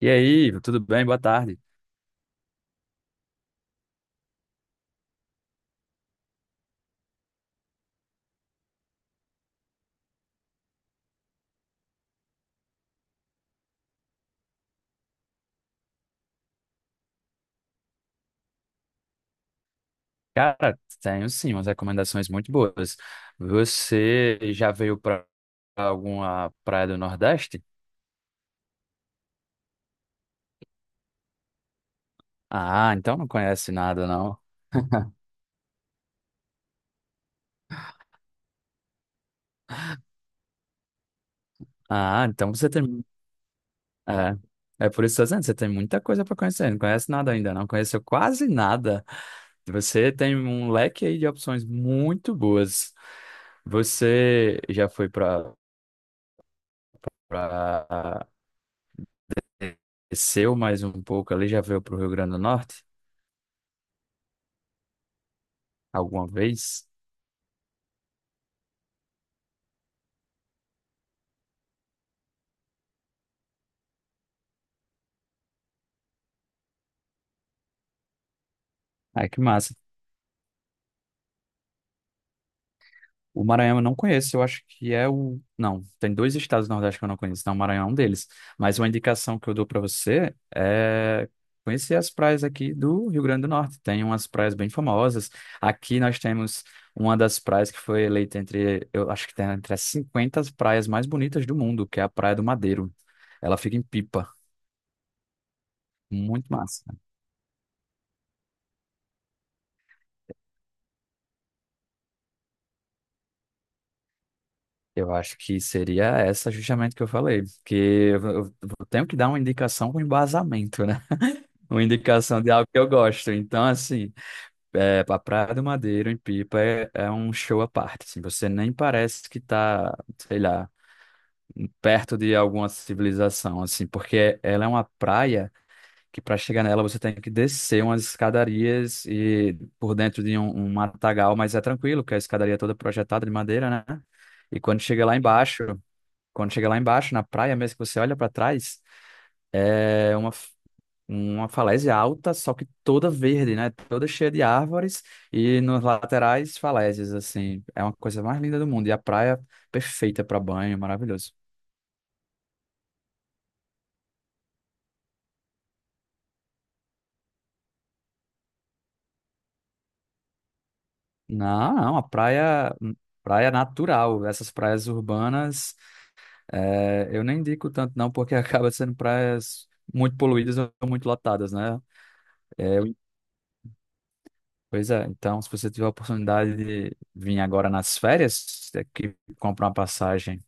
E aí, tudo bem? Boa tarde. Cara, tenho sim umas recomendações muito boas. Você já veio para alguma praia do Nordeste? Ah, então não conhece nada, não. Ah, então você tem. É, é por isso que eu tô dizendo, você tem muita coisa para conhecer. Não conhece nada ainda, não conheceu quase nada. Você tem um leque aí de opções muito boas. Você já foi para desceu mais um pouco ali, já veio para o Rio Grande do Norte? Alguma vez? Ai, que massa. O Maranhão eu não conheço, eu acho que é o. Não, tem dois estados do Nordeste que eu não conheço, então o Maranhão é um deles. Mas uma indicação que eu dou para você é conhecer as praias aqui do Rio Grande do Norte. Tem umas praias bem famosas. Aqui nós temos uma das praias que foi eleita entre, eu acho que tem entre as 50 praias mais bonitas do mundo, que é a Praia do Madeiro. Ela fica em Pipa. Muito massa. Eu acho que seria essa justamente que eu falei, que eu tenho que dar uma indicação com embasamento, né? Uma indicação de algo que eu gosto. Então, assim, é, a Praia do Madeiro, em Pipa, é, é um show à parte. Assim, você nem parece que tá, sei lá, perto de alguma civilização, assim, porque ela é uma praia que para chegar nela você tem que descer umas escadarias e por dentro de um matagal, mas é tranquilo, porque a escadaria é toda projetada de madeira, né? E quando chega lá embaixo, na praia mesmo, que você olha para trás, é uma falésia alta, só que toda verde, né? Toda cheia de árvores e nos laterais falésias, assim. É uma coisa mais linda do mundo. E a praia perfeita para banho, maravilhoso. Não, não, a praia, praia natural. Essas praias urbanas, é, eu nem indico tanto não, porque acaba sendo praias muito poluídas ou muito lotadas, né? Pois é, então se você tiver a oportunidade de vir agora nas férias, é que comprar uma passagem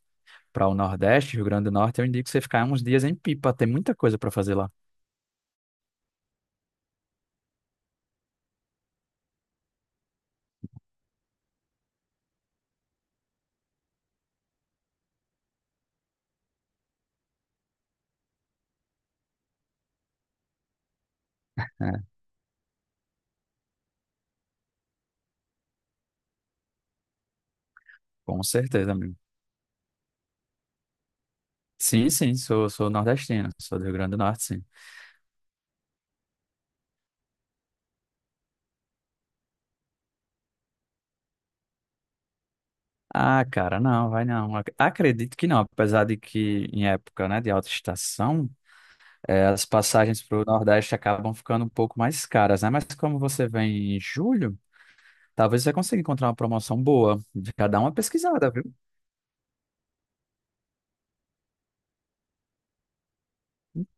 para o Nordeste, Rio Grande do Norte, eu indico você ficar uns dias em Pipa, tem muita coisa para fazer lá. É, com certeza, amigo. Sim, sim, sou, sou nordestino, sou do Rio Grande do Norte, sim. Ah, cara, não, vai não. Acredito que não, apesar de que em época, né, de alta estação, as passagens para o Nordeste acabam ficando um pouco mais caras, né? Mas como você vem em julho, talvez você consiga encontrar uma promoção boa. Já dá uma pesquisada, viu?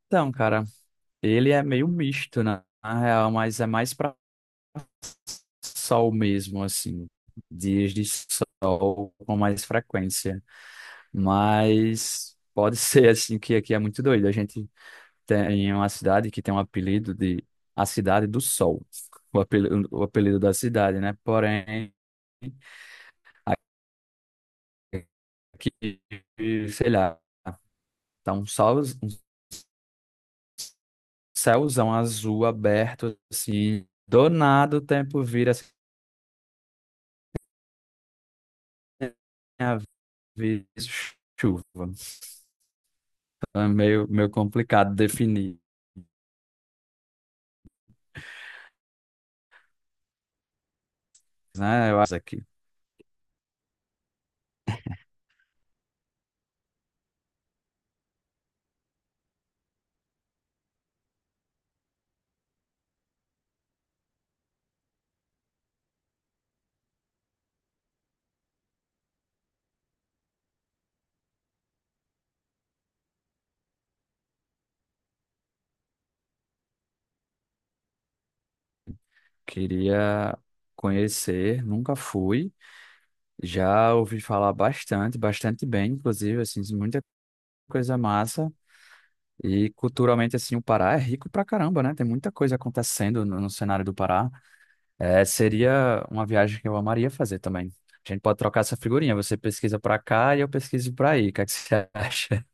Então, cara, ele é meio misto, né? Na real, mas é mais pra sol mesmo, assim. Dias de sol com mais frequência. Mas pode ser, assim, que aqui é muito doido. A gente tem uma cidade que tem um apelido de a Cidade do Sol. O apelido da cidade, né? Porém, aqui, sei lá, tá um sol, um céuzão azul aberto, assim. Do nada o tempo vira assim vezes chuva. Então é meio complicado definir, né? Eu acho que queria conhecer, nunca fui. Já ouvi falar bastante, bastante bem, inclusive, assim, muita coisa massa. E culturalmente, assim, o Pará é rico pra caramba, né? Tem muita coisa acontecendo no cenário do Pará. É, seria uma viagem que eu amaria fazer também. A gente pode trocar essa figurinha. Você pesquisa pra cá e eu pesquiso pra aí. O que é que você acha?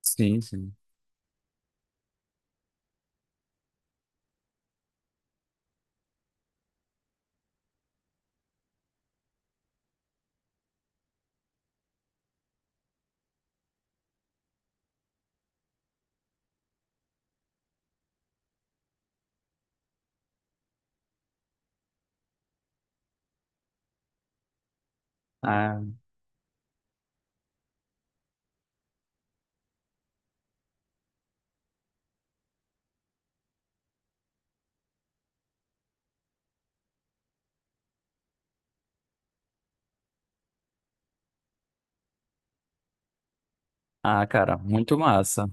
Sim, sim. Ah, cara, muito massa.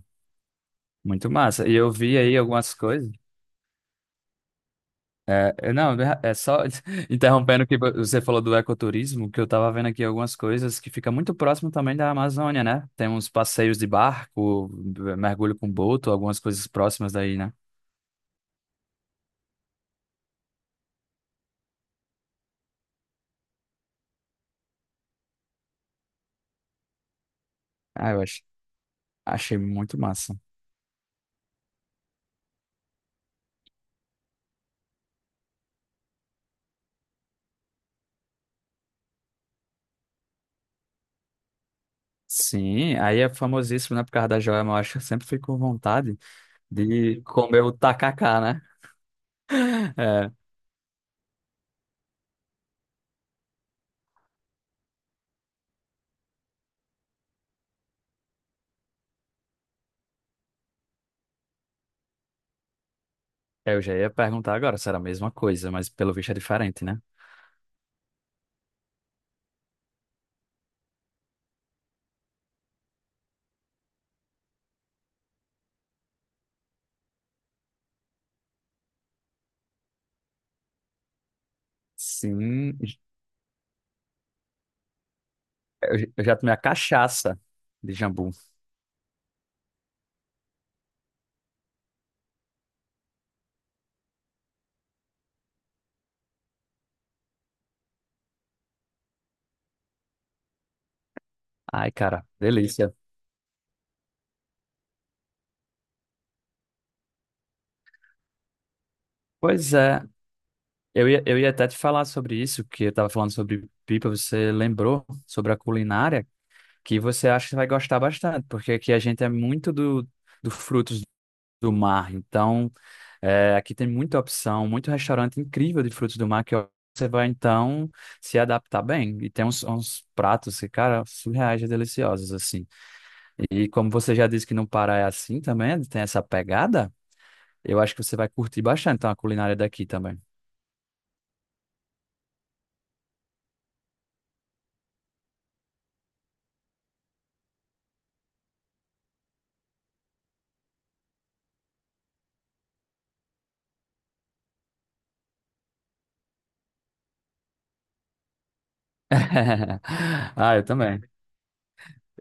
Muito massa. E eu vi aí algumas coisas. Não, é só interrompendo o que você falou do ecoturismo, que eu tava vendo aqui algumas coisas que fica muito próximo também da Amazônia, né? Tem uns passeios de barco, mergulho com boto, algumas coisas próximas daí, né? Ah, eu ach- Achei muito massa. Sim, aí é famosíssimo, né? Por causa da joia, mas eu acho que eu sempre fico com vontade de comer o tacacá, né? É, eu já ia perguntar agora se era a mesma coisa, mas pelo visto é diferente, né? Sim, eu já tomei a cachaça de jambu. Ai, cara, delícia. Pois é, eu ia até te falar sobre isso, que eu tava falando sobre pipa, você lembrou sobre a culinária, que você acha que vai gostar bastante, porque aqui a gente é muito do frutos do mar. Então, é, aqui tem muita opção, muito restaurante incrível de frutos do mar que você vai, então, se adaptar bem. E tem uns pratos que, cara, surreais e deliciosos, assim. E como você já disse que no Pará é assim também, tem essa pegada, eu acho que você vai curtir bastante então, a culinária daqui também. Ah, eu também.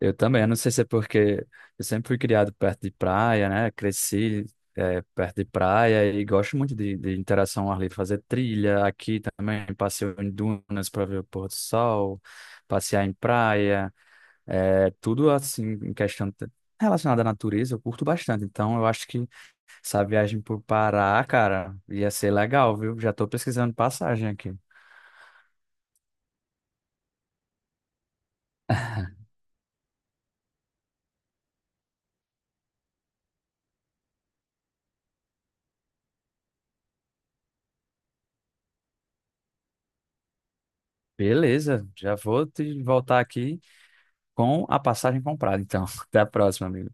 Eu também. Eu não sei se é porque eu sempre fui criado perto de praia, né? Cresci perto de praia e gosto muito de interação ao ar livre, fazer trilha aqui também, passeio em dunas para ver o pôr do sol, passear em praia, tudo assim, relacionada à natureza, eu curto bastante. Então, eu acho que essa viagem por Pará, cara, ia ser legal, viu? Já estou pesquisando passagem aqui. Beleza, já vou te voltar aqui com a passagem comprada. Então, até a próxima, amigo.